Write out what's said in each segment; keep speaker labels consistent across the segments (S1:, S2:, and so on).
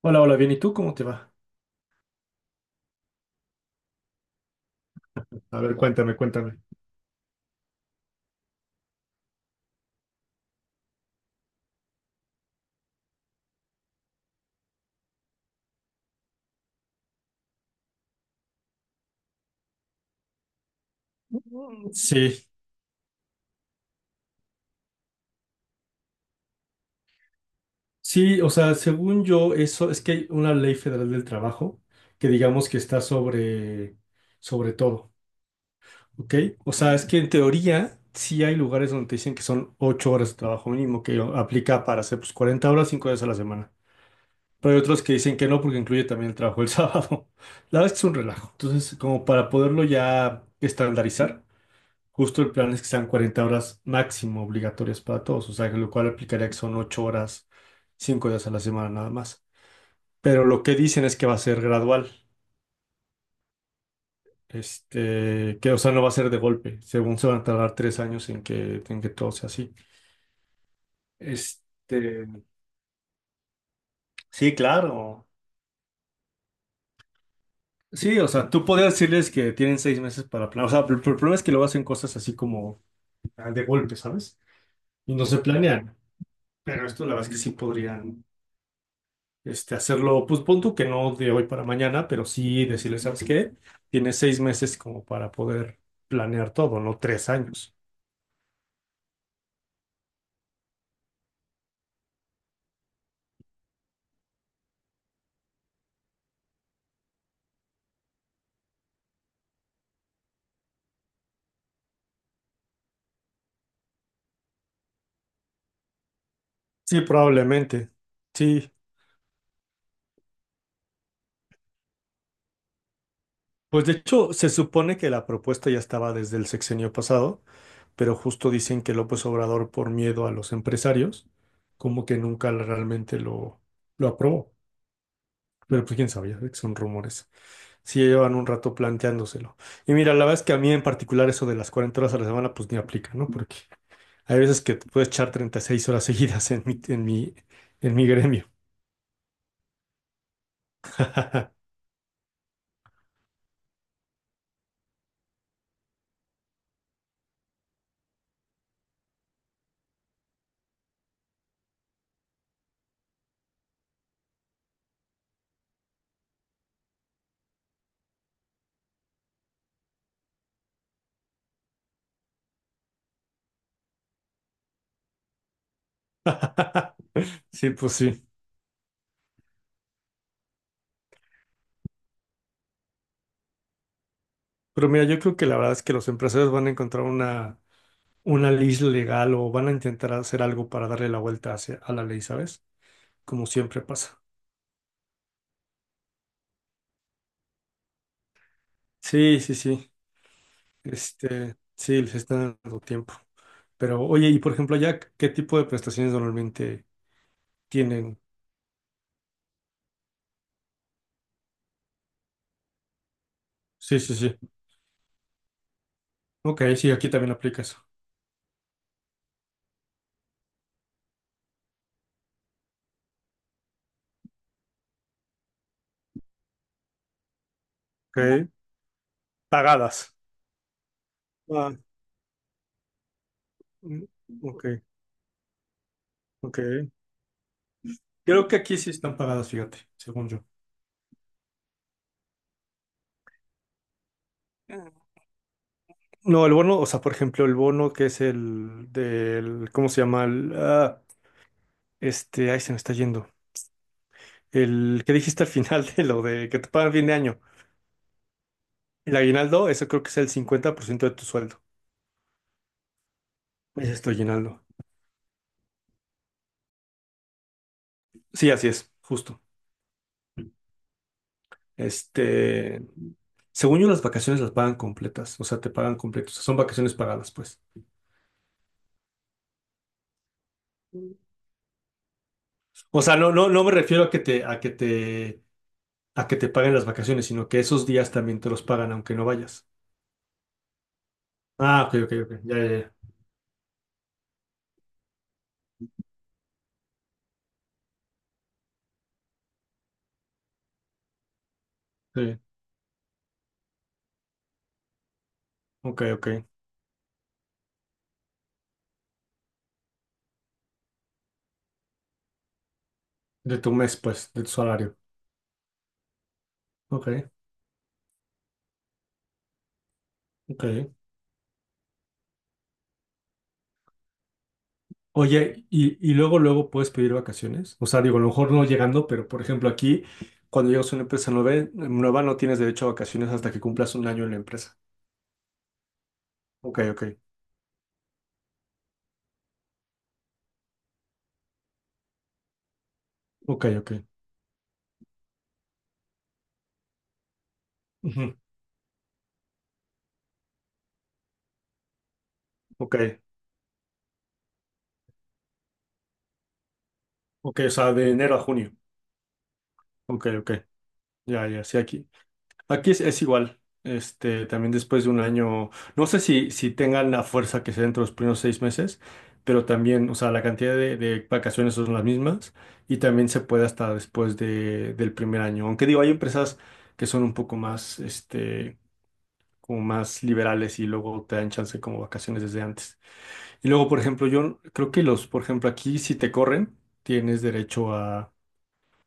S1: Hola, hola, bien, ¿y tú cómo te va? A ver, cuéntame, cuéntame. Sí, sí, o sea, según yo, eso es que hay una ley federal del trabajo que digamos que está sobre todo, ¿ok? O sea, es que en teoría sí hay lugares donde te dicen que son 8 horas de trabajo mínimo, que aplica para hacer pues 40 horas, 5 días a la semana. Pero hay otros que dicen que no porque incluye también el trabajo el sábado. La verdad es que es un relajo. Entonces, como para poderlo ya estandarizar. Justo el plan es que sean 40 horas máximo obligatorias para todos, o sea, que lo cual aplicaría que son 8 horas, 5 días a la semana nada más. Pero lo que dicen es que va a ser gradual, este, que o sea, no va a ser de golpe, según se van a tardar 3 años en que todo sea así. Este, sí, claro. Sí, o sea, tú podrías decirles que tienen 6 meses para planear, o sea, pero el problema es que luego hacen cosas así como de golpe, ¿sabes? Y no se planean, pero esto la verdad es que sí podrían. Hacerlo, pues pon tú que no de hoy para mañana, pero sí decirle, ¿sabes qué? Tienes 6 meses como para poder planear todo, no 3 años. Sí, probablemente. Sí. Pues de hecho, se supone que la propuesta ya estaba desde el sexenio pasado, pero justo dicen que López Obrador, por miedo a los empresarios, como que nunca realmente lo aprobó. Pero pues quién sabía, que son rumores. Sí, ya llevan un rato planteándoselo. Y mira, la verdad es que a mí en particular eso de las 40 horas a la semana, pues ni aplica, ¿no? Porque hay veces que te puedes echar 36 horas seguidas en mi gremio. Sí, pues sí. Pero mira, yo creo que la verdad es que los empresarios van a encontrar una ley legal o van a intentar hacer algo para darle la vuelta a la ley, ¿sabes? Como siempre pasa. Sí, sí, sí. Sí, les está dando tiempo. Pero oye, y por ejemplo, allá, ¿qué tipo de prestaciones normalmente tienen? Sí, sí, sí. Ok, sí, aquí también aplica eso. Ok. Pagadas. Ah, mm, ok, ok. Creo que aquí sí están pagadas, fíjate, según yo. Mm. No, el bono, o sea, por ejemplo, el bono que es el del, ¿cómo se llama? Ahí se me está yendo. El que dijiste al final de lo de que te pagan fin de año. El aguinaldo, eso creo que es el 50% de tu sueldo. Es esto, aguinaldo. Sí, así es, justo. Este, Según yo, las vacaciones las pagan completas, o sea, te pagan completos son vacaciones pagadas, pues. O sea, no, no, no me refiero a que te, a que te a que te paguen las vacaciones, sino que esos días también te los pagan aunque no vayas. Ah, ok, ok, ok. Ya, ya, ya. Sí. Ok, ok. De tu mes, pues, de tu salario. Ok, ok. Oye, y luego, luego puedes pedir vacaciones. O sea, digo, a lo mejor no llegando, pero por ejemplo, aquí, cuando llegas a una empresa nueva, no tienes derecho a vacaciones hasta que cumplas un año en la empresa. Ok, ok. Ok, ok. Ujú. Ok, ok. O sea, de enero a junio. Ok, ok. Ya, ya, sí, aquí. Aquí es igual. También después de un año, no sé si tengan la fuerza que sea dentro de los primeros 6 meses, pero también, o sea, la cantidad de vacaciones son las mismas y también se puede hasta después del primer año. Aunque digo, hay empresas que son un poco más, como más liberales y luego te dan chance como vacaciones desde antes. Y luego, por ejemplo, yo creo que por ejemplo, aquí si te corren, tienes derecho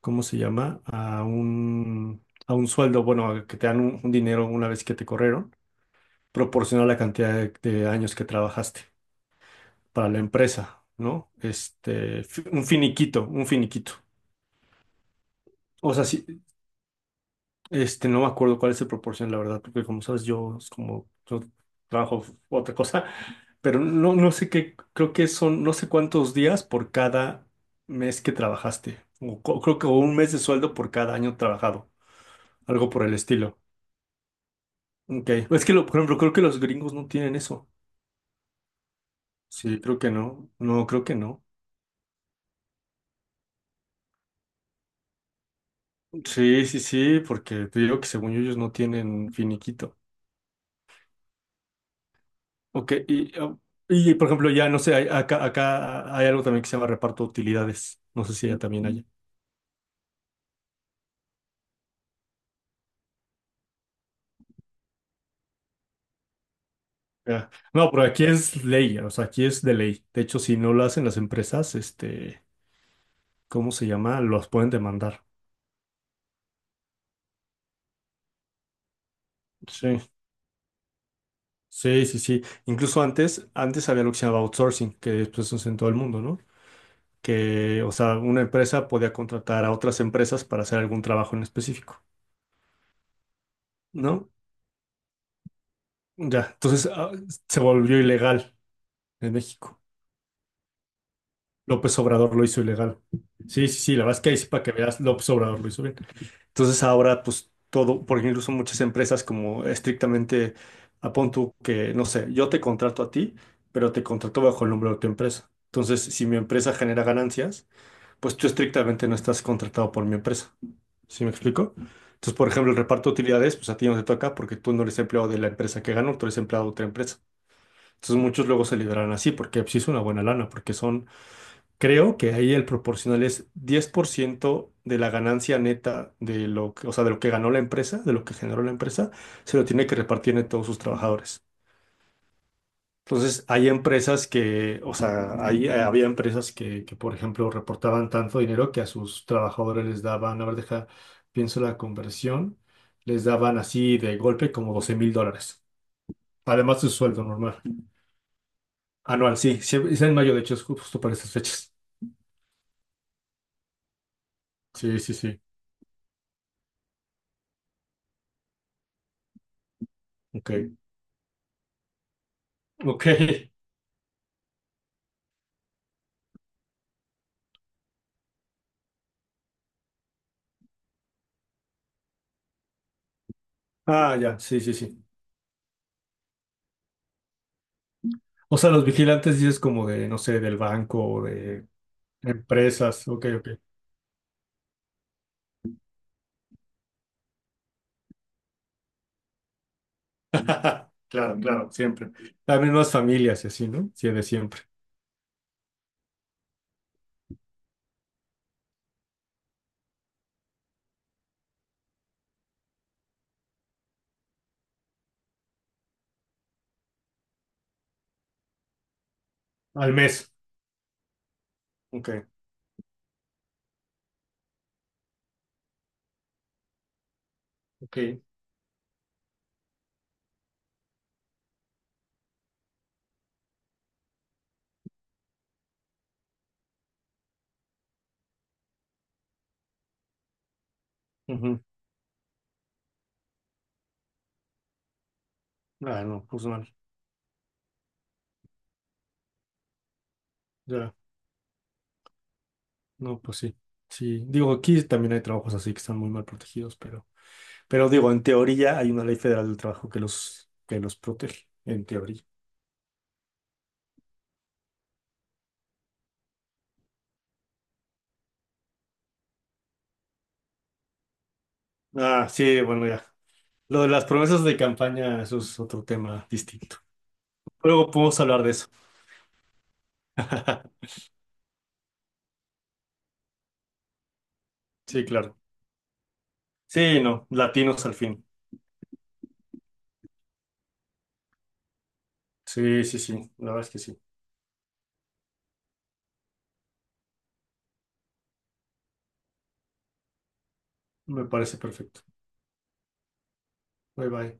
S1: ¿cómo se llama? A un sueldo, bueno, a que te dan un dinero una vez que te corrieron, proporciona la cantidad de años que trabajaste para la empresa, ¿no? Un finiquito, un finiquito. O sea, sí, no me acuerdo cuál es el proporción, la verdad, porque como sabes, yo es como yo trabajo otra cosa, pero no, no sé qué, creo que son, no sé cuántos días por cada mes que trabajaste, creo que un mes de sueldo por cada año trabajado, algo por el estilo. Ok, es que por ejemplo, creo que los gringos no tienen eso. Sí, creo que no. No, creo que no. Sí, sí, sí, porque te digo que según yo ellos no tienen finiquito. Ok, y por ejemplo, ya no sé, acá, acá hay algo también que se llama reparto de utilidades. No sé si allá también haya. Ah, no, pero aquí es ley, o sea, aquí es de ley. De hecho, si no lo hacen las empresas, ¿cómo se llama? Los pueden demandar. Sí, sí, sí, sí. Incluso antes había lo que se llamaba outsourcing, que después se en todo el mundo, ¿no? Que, o sea, una empresa podía contratar a otras empresas para hacer algún trabajo en específico, ¿no? Ya, entonces se volvió ilegal en México. López Obrador lo hizo ilegal. Sí, sí, sí, la verdad es que ahí sí para que veas, López Obrador lo hizo bien. Entonces ahora, pues todo, porque incluso muchas empresas como estrictamente, apón tú que, no sé, yo te contrato a ti, pero te contrato bajo el nombre de tu empresa. Entonces, si mi empresa genera ganancias, pues tú estrictamente no estás contratado por mi empresa. ¿Sí me explico? Entonces, por ejemplo, el reparto de utilidades, pues a ti no te toca porque tú no eres empleado de la empresa que ganó, tú eres empleado de otra empresa. Entonces, muchos luego se liberan así porque pues, sí es una buena lana, porque son, creo que ahí el proporcional es 10% de la ganancia neta de lo que, o sea, de lo que ganó la empresa, de lo que generó la empresa, se lo tiene que repartir en todos sus trabajadores. Entonces, hay empresas que, o sea, había empresas que, por ejemplo, reportaban tanto dinero que a sus trabajadores les daban, a ver, deja, pienso la conversión, les daban así de golpe como $12,000, además de su sueldo normal, anual, sí, sí, es en mayo, de hecho, es justo para estas fechas. Sí, sí, sí, ok, ok. Ah, ya, sí, sí, sí. O sea, los vigilantes dices como de, no sé, del banco o de empresas, ok, ok. Claro, claro, siempre. Las mismas familias y así, ¿no? Sí, de siempre. Al mes. Ok, ok. Ujú. Ah, no, pues mal. Ya, no, pues sí. Sí, digo, aquí también hay trabajos así que están muy mal protegidos, pero digo, en teoría hay una ley federal del trabajo que los protege, en teoría. Ah, sí, bueno, ya. Lo de las promesas de campaña, eso es otro tema distinto. Luego podemos hablar de eso. Sí, claro. Sí, no, latinos al fin. Sí, sí, sí, la verdad es que sí. Me parece perfecto. Bye bye.